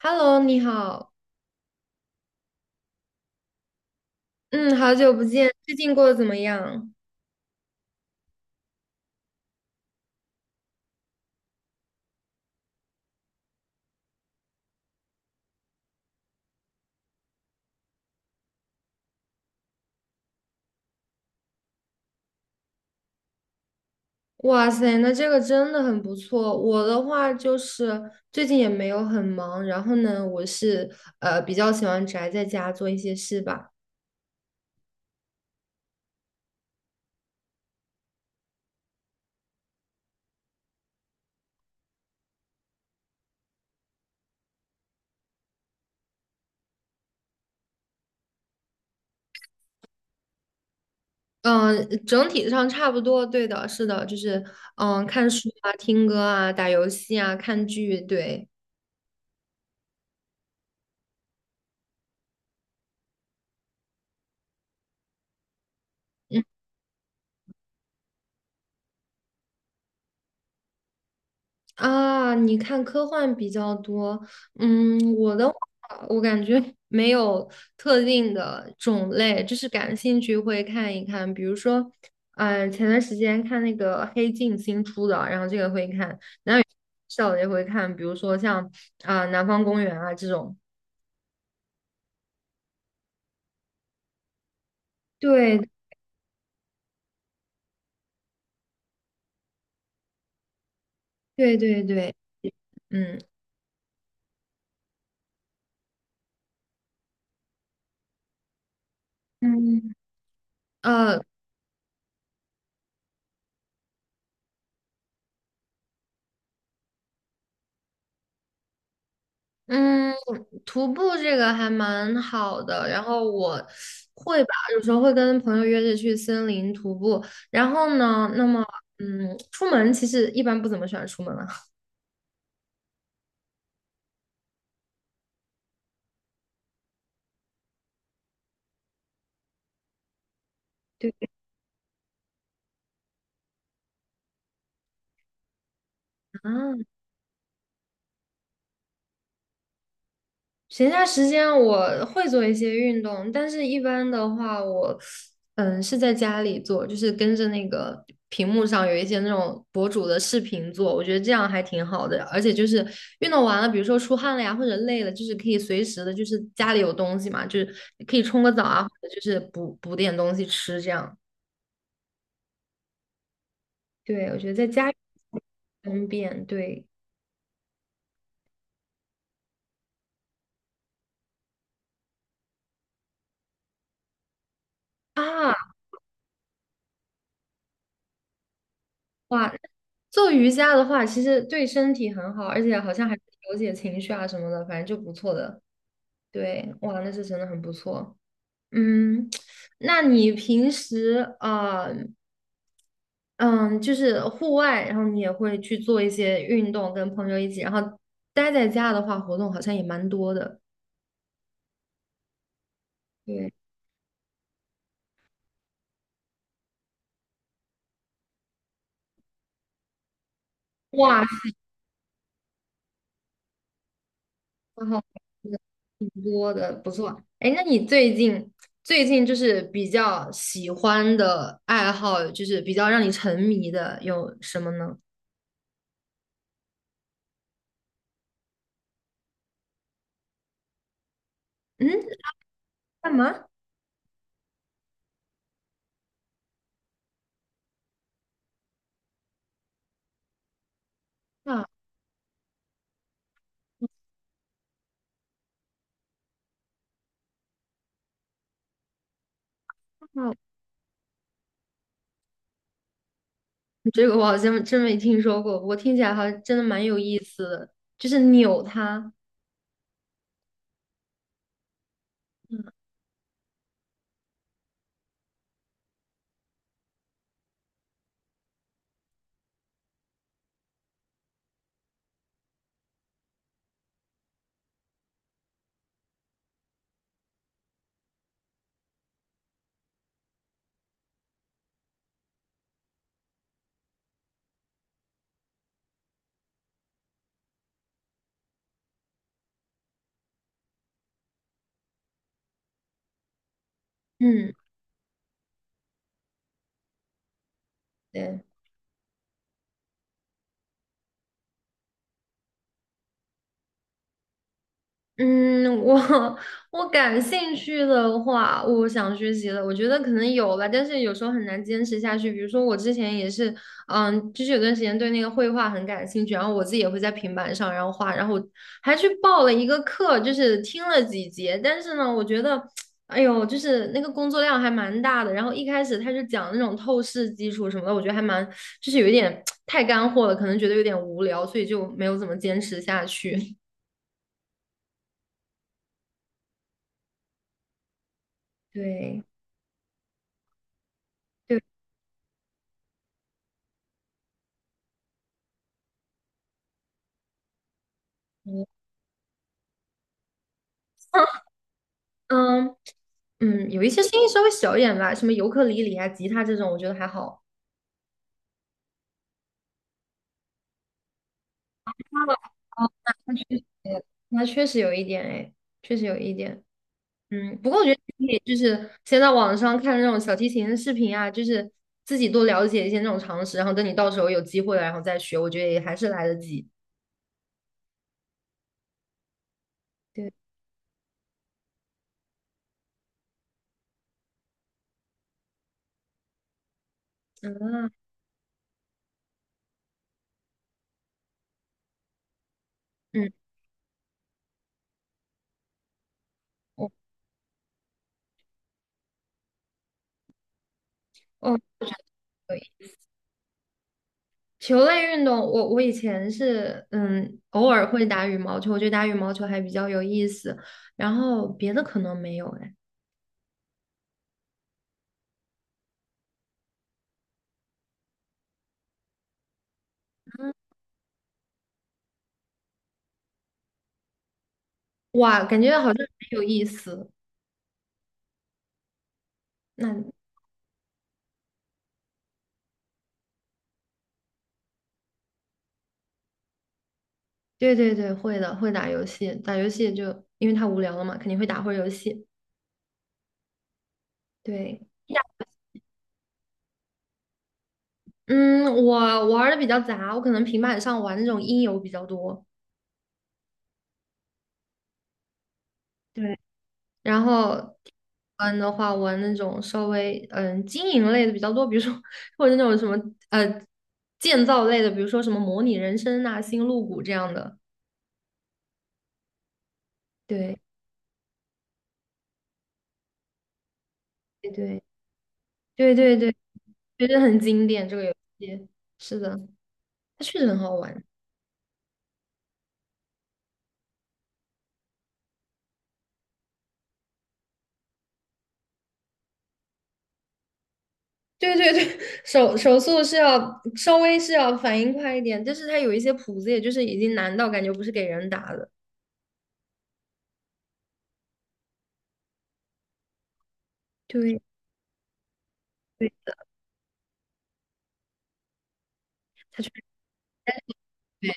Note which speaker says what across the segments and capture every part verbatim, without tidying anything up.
Speaker 1: Hello，你好，嗯，好久不见，最近过得怎么样？哇塞，那这个真的很不错。我的话就是最近也没有很忙，然后呢，我是呃比较喜欢宅在家做一些事吧。嗯，整体上差不多，对的，是的，就是嗯看书啊、听歌啊、打游戏啊、看剧，对。嗯。啊，你看科幻比较多，嗯，我的话，我感觉 没有特定的种类，就是感兴趣会看一看。比如说，嗯、前段时间看那个《黑镜》新出的，然后这个会看，然后笑的也会看，比如说像啊、南方公园》啊这种。对对对对，嗯。嗯，呃。嗯，徒步这个还蛮好的，然后我会吧，有时候会跟朋友约着去森林徒步。然后呢，那么嗯，出门其实一般不怎么喜欢出门了。对啊，闲暇时间我会做一些运动，但是一般的话我，嗯，是在家里做，就是跟着那个屏幕上有一些那种博主的视频做，我觉得这样还挺好的。而且就是运动完了，比如说出汗了呀，或者累了，就是可以随时的，就是家里有东西嘛，就是可以冲个澡啊，或者就是补补点东西吃这样。对，我觉得在家里方便。对啊，哇，做瑜伽的话，其实对身体很好，而且好像还调节情绪啊什么的，反正就不错的。对，哇，那是真的很不错。嗯，那你平时呃，嗯，就是户外，然后你也会去做一些运动，跟朋友一起，然后待在家的话，活动好像也蛮多的。对，哇，然后挺多的，不错。哎，那你最近最近就是比较喜欢的爱好，就是比较让你沉迷的有什么呢？嗯，干嘛？啊，啊这个我好像真没听说过，我听起来好像真的蛮有意思的，就是扭它。嗯，对。嗯，我 我感兴趣的话，我想学习的，我觉得可能有吧，但是有时候很难坚持下去。比如说我之前也是，嗯，就是有段时间对那个绘画很感兴趣，然后我自己也会在平板上然后画，然后我还去报了一个课，就是听了几节，但是呢，我觉得，哎呦，就是那个工作量还蛮大的。然后一开始他就讲那种透视基础什么的，我觉得还蛮，就是有一点太干货了，可能觉得有点无聊，所以就没有怎么坚持下去。对。对。嗯嗯，有一些声音稍微小一点吧，什么尤克里里啊、吉他这种，我觉得还好。哦，那确实，那确实有一点哎，确实有一点。嗯，不过我觉得你可以就是先在网上看那种小提琴的视频啊，就是自己多了解一些那种常识，然后等你到时候有机会了，然后再学，我觉得也还是来得及。对，啊，嗯，哦哦。球类运动，我我以前是嗯，偶尔会打羽毛球，我觉得打羽毛球还比较有意思，然后别的可能没有哎，哇，感觉好像很有意思。那对对对，会的，会打游戏，打游戏就因为太无聊了嘛，肯定会打会儿游戏。对，嗯，我玩的比较杂，我可能平板上玩那种音游比较多。对然后玩的话，玩那种稍微嗯经营类的比较多，比如说或者那种什么呃建造类的，比如说什么模拟人生呐、星露谷这样的。对对对对对对，觉得很经典这个游戏。是的，它确实很好玩。对对对，手手速是要稍微是要反应快一点，但是它有一些谱子，也就是已经难到感觉不是给人打的。对对，它确实。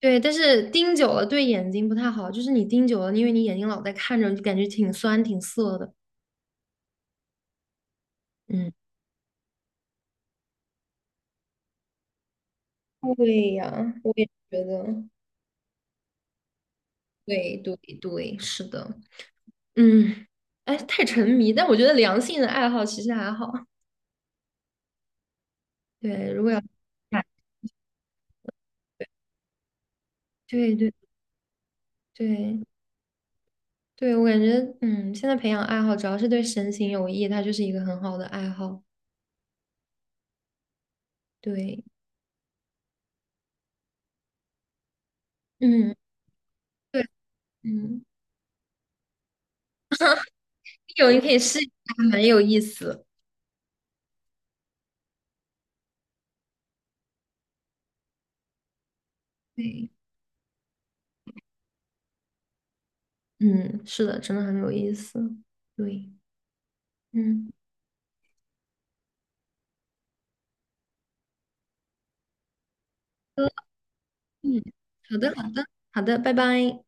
Speaker 1: 对，但是盯久了对眼睛不太好，就是你盯久了，因为你眼睛老在看着，就感觉挺酸挺涩的。嗯对呀，我也觉得，对对对，是的，嗯，哎，太沉迷，但我觉得良性的爱好其实还好。对，如果要 对对对对，我感觉嗯，现在培养爱好主要是对身心有益，它就是一个很好的爱好。对，嗯对嗯，有你可以试一下，蛮有意思。对。嗯，是的，真的很有意思。对，嗯，嗯，好的，好的，好的，拜拜。